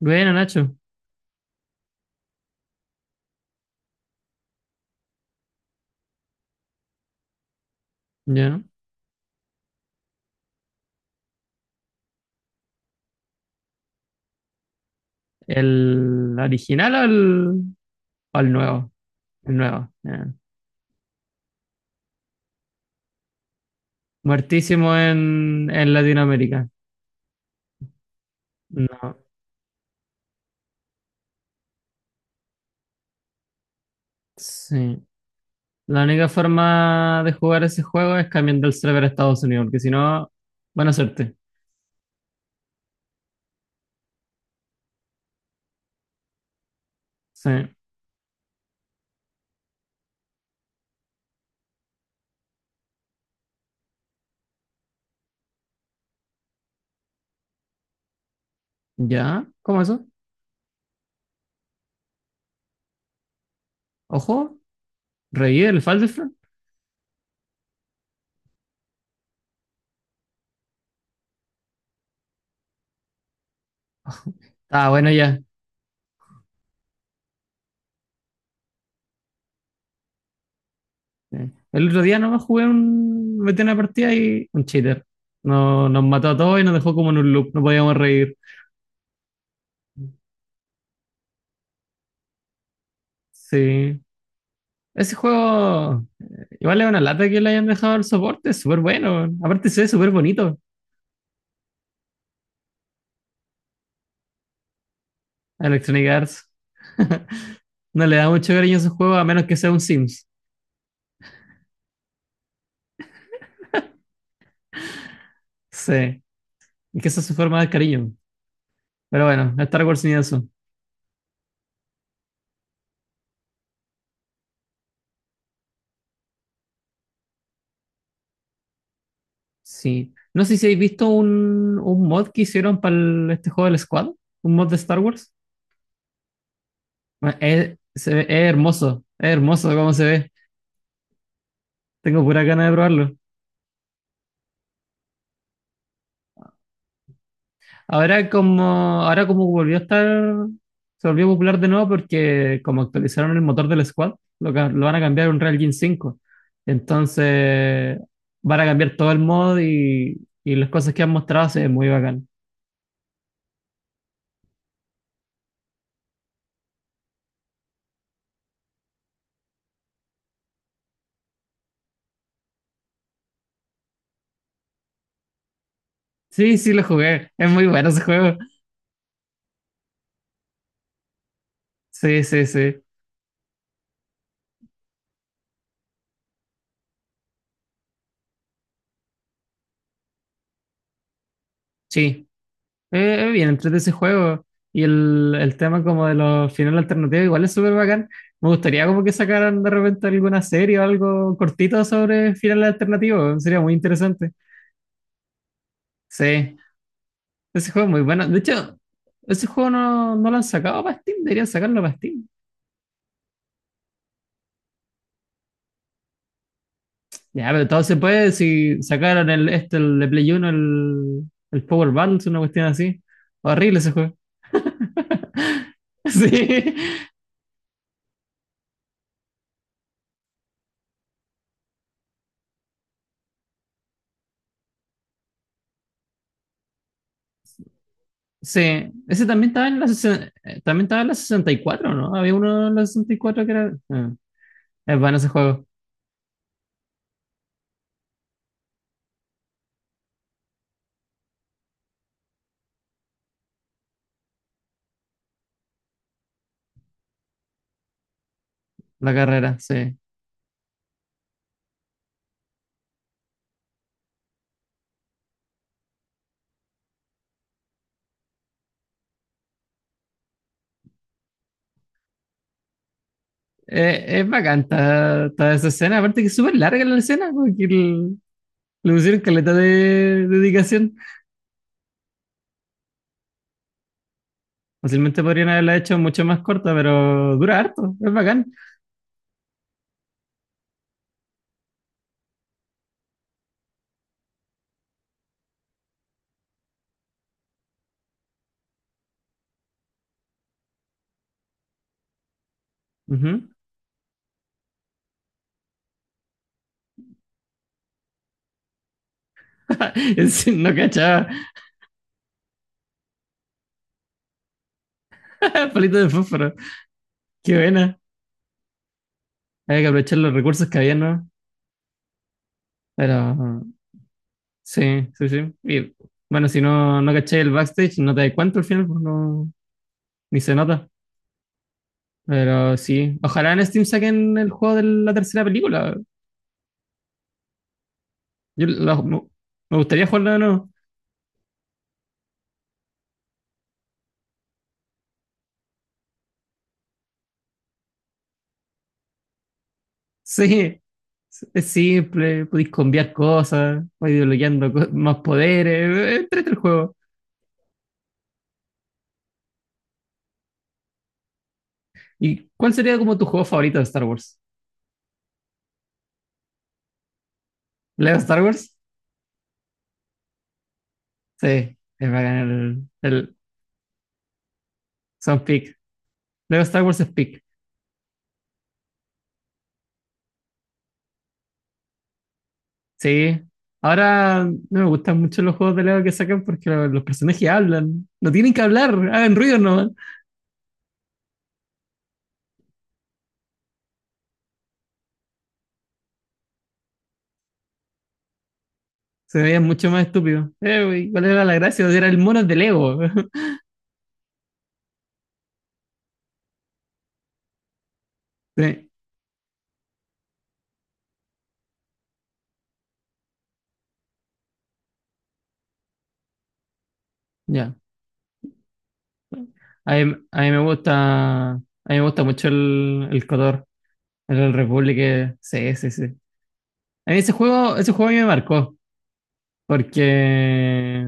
Bueno, Nacho. Ya. ¿El original o el nuevo? El nuevo. Ya. Muertísimo en Latinoamérica. No. Sí. La única forma de jugar ese juego es cambiando el server a Estados Unidos, porque si no, buena suerte. Sí. ¿Ya? ¿Cómo eso? Ojo, revive el Falderfront. Ah, bueno, ya. Sí. El otro día nomás jugué metí una partida y un cheater. No, nos mató a todos y nos dejó como en un loop. No podíamos reír. Sí. Ese juego, igual es una lata que le hayan dejado el soporte, es súper bueno. Aparte se ve súper bonito a Electronic Arts. No le da mucho cariño a ese juego a menos que sea un Sims. Sí, y que esa es su forma de cariño. Pero bueno, Star Wars ni eso. Sí. No sé si habéis visto un mod que hicieron para este juego del Squad, un mod de Star Wars. Bueno, es hermoso, es hermoso cómo se ve. Tengo pura ganas de probarlo. Ahora como volvió a estar, se volvió popular de nuevo porque como actualizaron el motor del Squad, lo van a cambiar a un Real Engine 5. Entonces van a cambiar todo el mod y, las cosas que han mostrado se ven muy bacán. Sí, sí, lo jugué. Es muy bueno ese juego. Sí, sí, sí. Sí, bien, entrete ese juego. Y el tema como de los finales alternativos igual es súper bacán. Me gustaría como que sacaran de repente alguna serie o algo cortito sobre finales alternativos. Sería muy interesante. Sí, ese juego es muy bueno. De hecho, ese juego no lo han sacado para Steam. Deberían sacarlo para Steam. Ya, pero todo se puede si sacaron el, este, el de Play Uno el Power Battles, una cuestión así. Horrible ese juego. Sí. Sí, ese también estaba en la, sesen- también estaba en la 64, ¿no? Había uno en la sesenta y cuatro. Ah, es bueno ese juego, la carrera, sí. Es bacán toda esa escena, aparte que es súper larga la escena, porque le pusieron caleta de dedicación. Fácilmente podrían haberla hecho mucho más corta, pero dura harto, es bacán. Ujú. No cachaba, palito de fósforo, qué buena. Hay que aprovechar los recursos que había, ¿no? Pero sí, sí, sí. Y bueno, si no, no caché el backstage, no te das cuenta al final, pues no, ni se nota. Pero sí, ojalá en Steam saquen el juego de la tercera película. Yo la- me me gustaría jugarlo de nuevo. Sí, es simple, podéis cambiar cosas, podéis desbloqueando más poderes, entrete el juego. ¿Y cuál sería como tu juego favorito de Star Wars? ¿Lego Star Wars? Sí, es bacán el son pick. Lego Star Wars es pick. Sí. Ahora no me gustan mucho los juegos de Lego que sacan porque los personajes hablan. No tienen que hablar, hagan ruido nomás. Se veían mucho más estúpidos. Güey, ¿cuál era la gracia? Era el mono de Lego. Sí, ya. A mí me gusta. A mí me gusta mucho el Cotor, el Republic. Sí, sí, sí. A mí ese juego a mí me marcó. Porque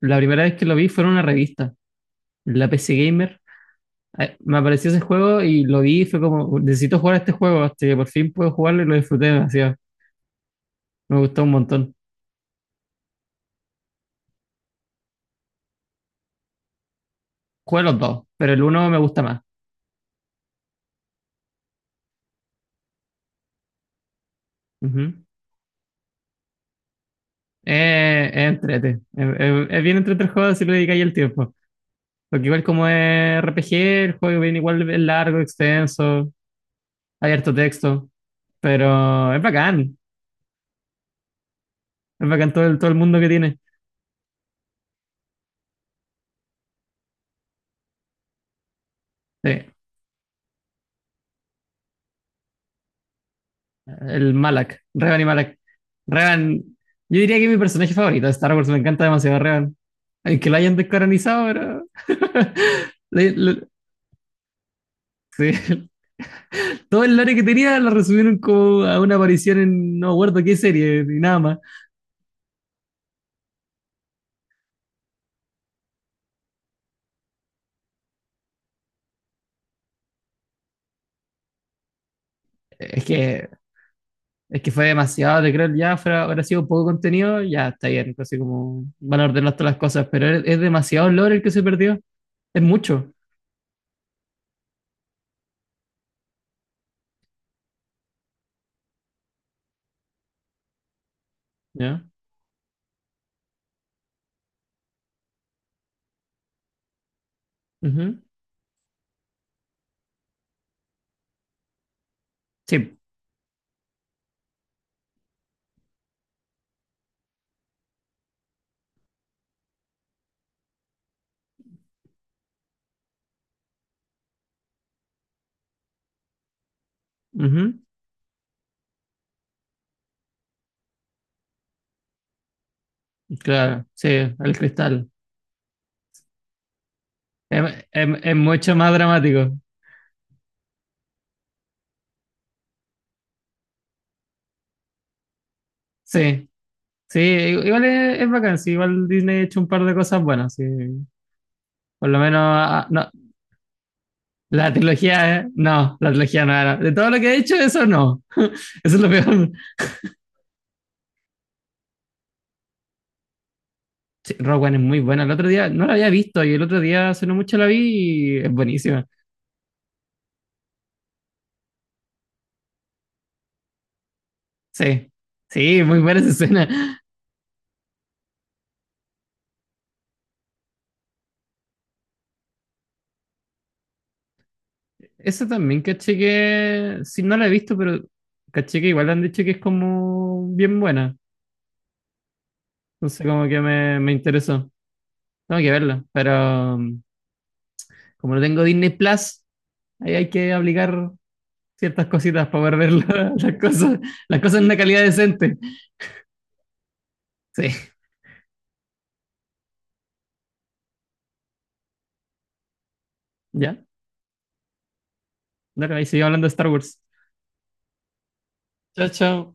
la primera vez que lo vi fue en una revista, la PC Gamer. Me apareció ese juego y lo vi y fue como, necesito jugar este juego, hasta que por fin puedo jugarlo y lo disfruté demasiado. Me gustó un montón. Jugué los dos, pero el uno me gusta más. Ujú. Es entrete. Es bien entrete el juego si le dedicáis el tiempo. Porque igual como es RPG, el juego viene igual es largo, extenso, hay harto texto. Pero es bacán. Es bacán todo el mundo que tiene. Sí, el Malak, Revan y Malak. Revan, yo diría que es mi personaje favorito de Star Wars, me encanta demasiado Revan. El que la hayan descaranizado era. Le- le- sí. Todo el lore que tenía lo resumieron como a una aparición en no me acuerdo qué serie, ni nada más. Es que, es que fue demasiado de creer, ya fuera, habrá sido poco contenido, ya está bien, casi como van a ordenar todas las cosas, pero es demasiado lore el que se perdió, es mucho, ¿ya? Ujú. Sí, ujú. Claro, sí, el cristal. Es, es mucho más dramático, sí. Sí, igual es bacán, sí, igual Disney ha hecho un par de cosas buenas, sí. Por lo menos, no, la trilogía, no, la trilogía no era. De todo lo que ha hecho, eso no. Eso es lo peor. Sí, Rogue One es muy buena. El otro día no la había visto y el otro día hace no mucho la vi y es buenísima. Sí, sí, muy buena esa escena. Eso también caché que, sí, no la he visto, pero caché que igual han dicho que es como bien buena. Entonces como que me interesó. Tengo que verla, pero como no tengo Disney Plus. Ahí hay que aplicar ciertas cositas para poder ver las cosas en una calidad decente. Sí, ya. Dale, ahí sigue hablando de Star Wars. Chao, chao.